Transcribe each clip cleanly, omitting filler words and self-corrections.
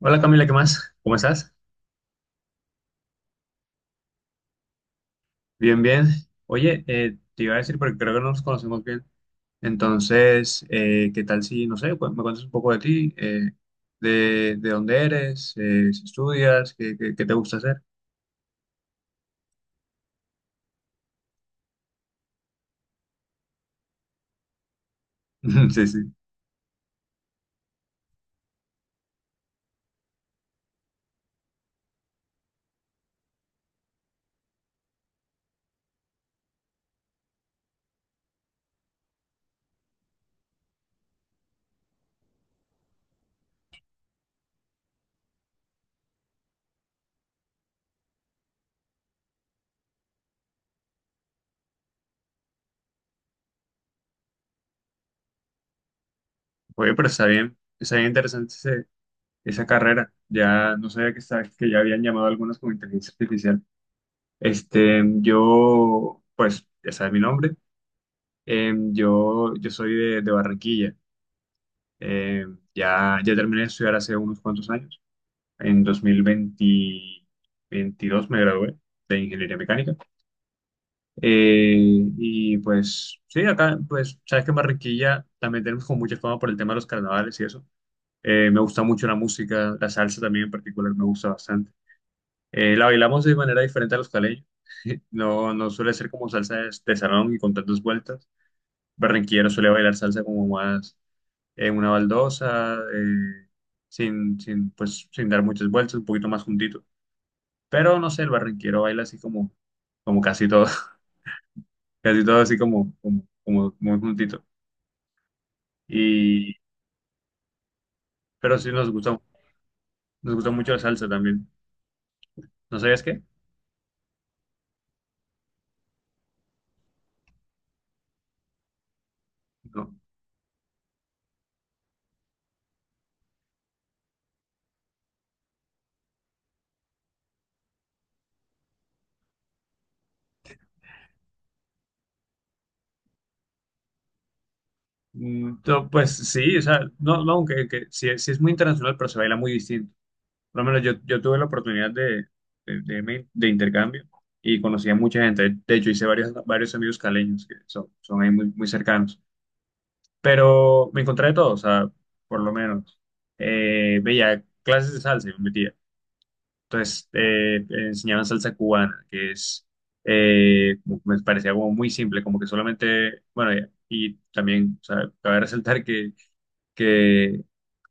Hola Camila, ¿qué más? ¿Cómo estás? Bien, bien. Oye, te iba a decir, porque creo que no nos conocemos bien. Entonces, ¿qué tal si, no sé, me cuentas un poco de ti, de dónde eres, si estudias, qué te gusta hacer? Sí, sí. Oye, pero está bien interesante esa carrera. Ya no sabía que, estaba que ya habían llamado algunas como inteligencia artificial. Este, yo, pues, ya sabes mi nombre. Yo, yo soy de Barranquilla. Eh, ya, ya terminé de estudiar hace unos cuantos años. En 2022 me gradué de ingeniería mecánica. Eh, y pues sí, acá, pues sabes que en Barranquilla también tenemos como mucha fama por el tema de los carnavales y eso. Me gusta mucho la música, la salsa también en particular me gusta bastante. La bailamos de manera diferente a los caleños. No, no suele ser como salsa de salón y con tantas vueltas. Barranquillero suele bailar salsa como más en una baldosa, sin dar muchas vueltas, un poquito más juntito. Pero no sé, el barranquero baila así como, como casi todo, casi todo así como, como, como muy juntito. Y, pero sí nos gusta mucho la salsa también. ¿No sabías qué? No. Mm, pues sí, o sea, no, no, aunque que, sí, sí es muy internacional, pero se baila muy distinto. Por lo menos yo, yo tuve la oportunidad de irme de intercambio y conocí a mucha gente. De hecho, hice varios, varios amigos caleños que son, son ahí muy, muy cercanos. Pero me encontré de todo, o sea, por lo menos. Veía clases de salsa y me metía. Entonces, enseñaban salsa cubana, que es, como que me parecía como muy simple, como que solamente, bueno, y también, o sea, cabe resaltar que que,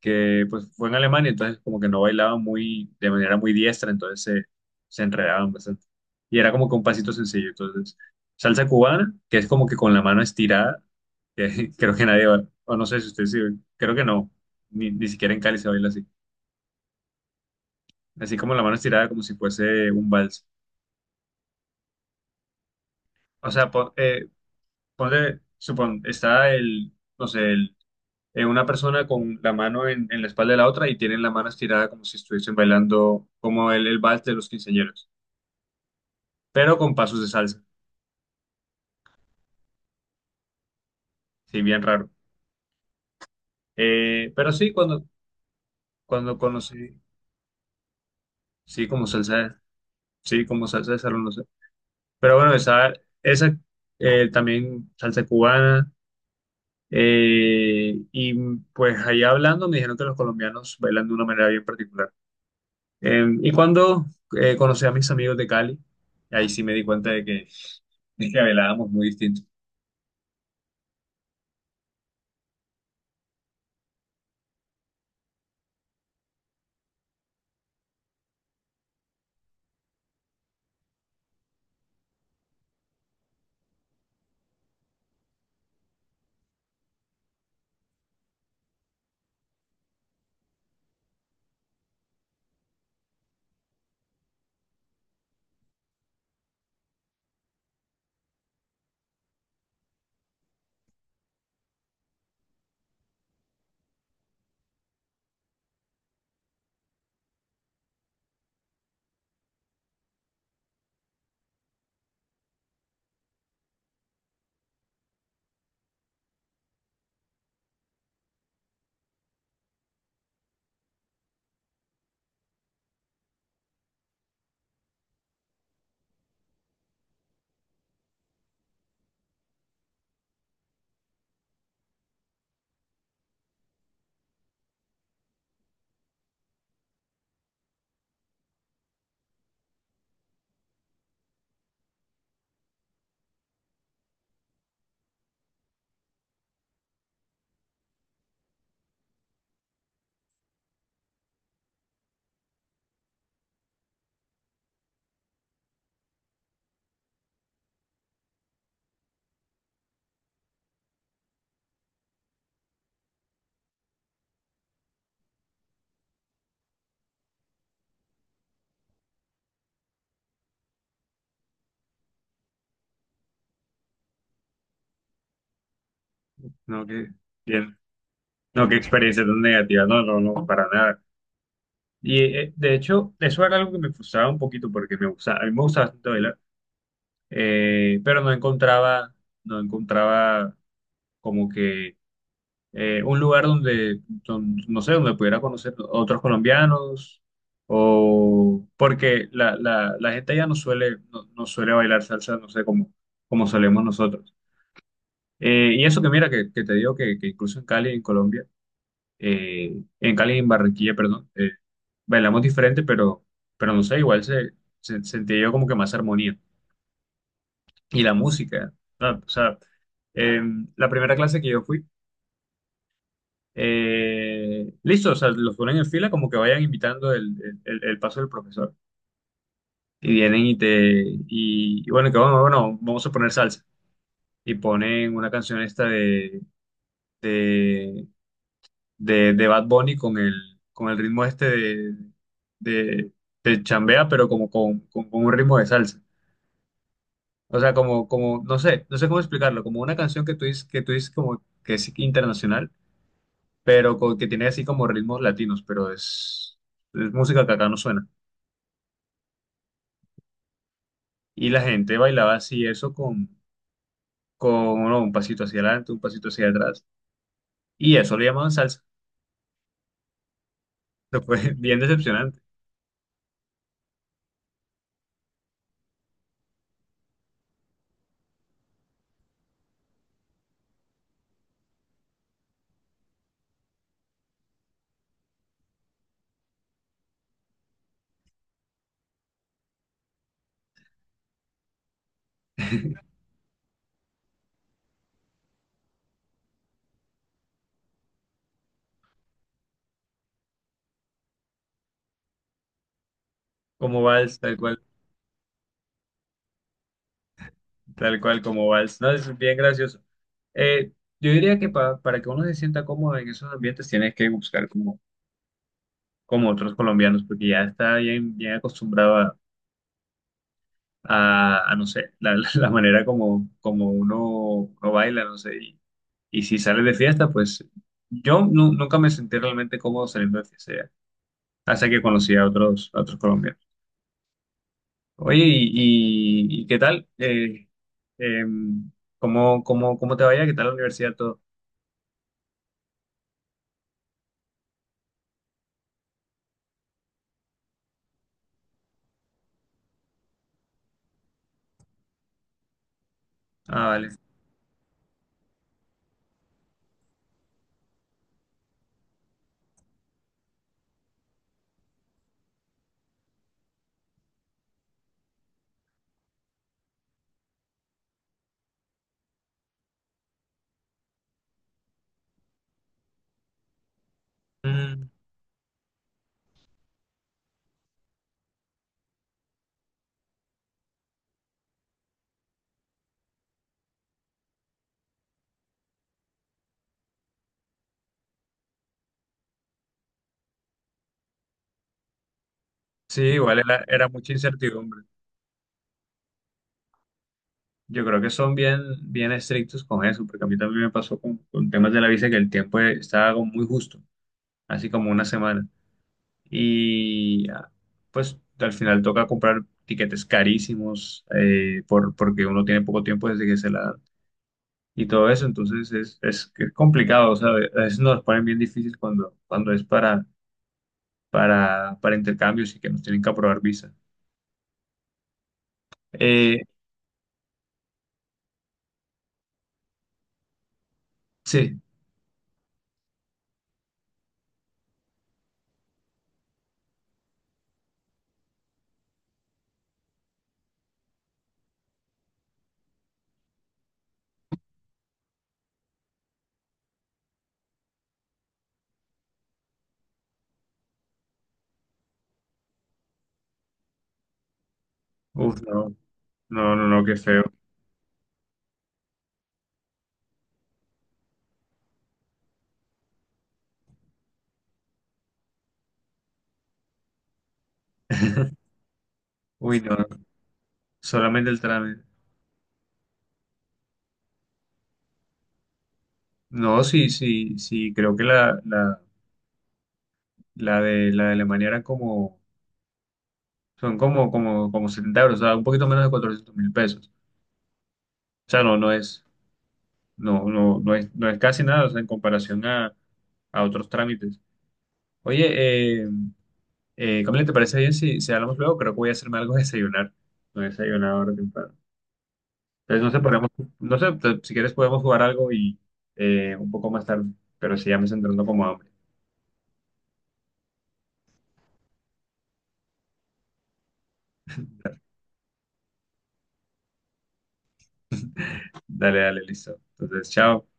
que pues fue en Alemania, entonces como que no bailaban muy, de manera muy diestra, entonces se enredaban bastante. Y era como que un pasito sencillo, entonces salsa cubana, que es como que con la mano estirada, que creo que nadie va, o no sé si ustedes sí, creo que no, ni siquiera en Cali se baila así, así como la mano estirada como si fuese un vals. O sea, ponle, supon, está el, no sé, una persona con la mano en la espalda de la otra y tienen la mano estirada como si estuviesen bailando como el vals de los quinceañeros, pero con pasos de salsa, sí, bien raro. Pero sí, cuando conocí, sí, como salsa, sí, como salsa de salón, no sé. Pero bueno, esa, esa también salsa cubana. Y pues ahí hablando me dijeron que los colombianos bailan de una manera bien particular. Y cuando conocí a mis amigos de Cali, ahí sí me di cuenta de que es que velábamos muy distintos. No, que bien. No, qué experiencia tan negativa. No, no, no, para nada. Y de hecho, eso era algo que me frustraba un poquito porque me gustaba, a mí me gustaba bastante bailar, pero no encontraba, no encontraba como que un lugar donde, no sé, donde pudiera conocer otros colombianos o porque la gente ya no suele, no, no suele bailar salsa, no sé, como, como solemos nosotros. Y eso que mira, que te digo que incluso en Cali, en Colombia, en Cali y en Barranquilla, perdón, bailamos diferente, pero no sé, igual se, sentía yo como que más armonía. Y la música, ¿no? O sea, eh, la primera clase que yo fui, listo, o sea, los ponen en fila como que vayan invitando el, el paso del profesor. Y vienen y te, y bueno, que vamos, bueno, vamos a poner salsa. Y ponen una canción esta de Bad Bunny con el ritmo este de, de chambea, pero como con, con un ritmo de salsa. O sea, como, como, no sé, no sé cómo explicarlo, como una canción que tú dices como que es internacional, que tiene así como ritmos latinos, pero es música que acá no suena. Y la gente bailaba así eso con no, un pasito hacia adelante, un pasito hacia atrás, y eso le llamaban salsa. Pero fue bien decepcionante, como vals, tal cual. Tal cual como vals. No, es bien gracioso. Eh, yo diría que para que uno se sienta cómodo en esos ambientes tienes que buscar como, como otros colombianos, porque ya está bien, bien acostumbrado a, no sé, la, la manera como, como uno, uno baila, no sé. Y si sales de fiesta, pues yo nunca me sentí realmente cómodo saliendo de fiesta, ya, hasta que conocí a otros colombianos. Oye, ¿ y qué tal? Em, ¿Cómo, cómo, cómo te vaya? ¿Qué tal la universidad? Todo. Ah, vale. Mm, sí, igual era, era mucha incertidumbre. Yo creo que son bien, bien estrictos con eso, porque a mí también me pasó con temas de la visa que el tiempo estaba como muy justo, así como una semana. Y ah, pues al final toca comprar tiquetes carísimos por, porque uno tiene poco tiempo desde que se la dan y todo eso, entonces es, que es complicado, o sea, a veces nos ponen bien difícil cuando, cuando es para intercambios y que nos tienen que aprobar visa. Eh, sí, uff, no, no, no, qué feo. Uy, no, no. Solamente el trámite. No, sí, sí, sí, creo que la, la de Alemania eran como, son como, como, como 70 euros, o sea, un poquito menos de 400.000 pesos. O sea, no, no es, no, no, no es, no es casi nada, o sea, en comparación a otros trámites. Oye, Camila, ¿te parece bien si, si hablamos luego? Creo que voy a hacerme algo de desayunar. No he desayunado ahora temprano. Entonces, no sé, podemos, no sé, si quieres podemos jugar algo y un poco más tarde, pero si ya me estoy entrando como hambre. Dale, dale, listo. Entonces, chao.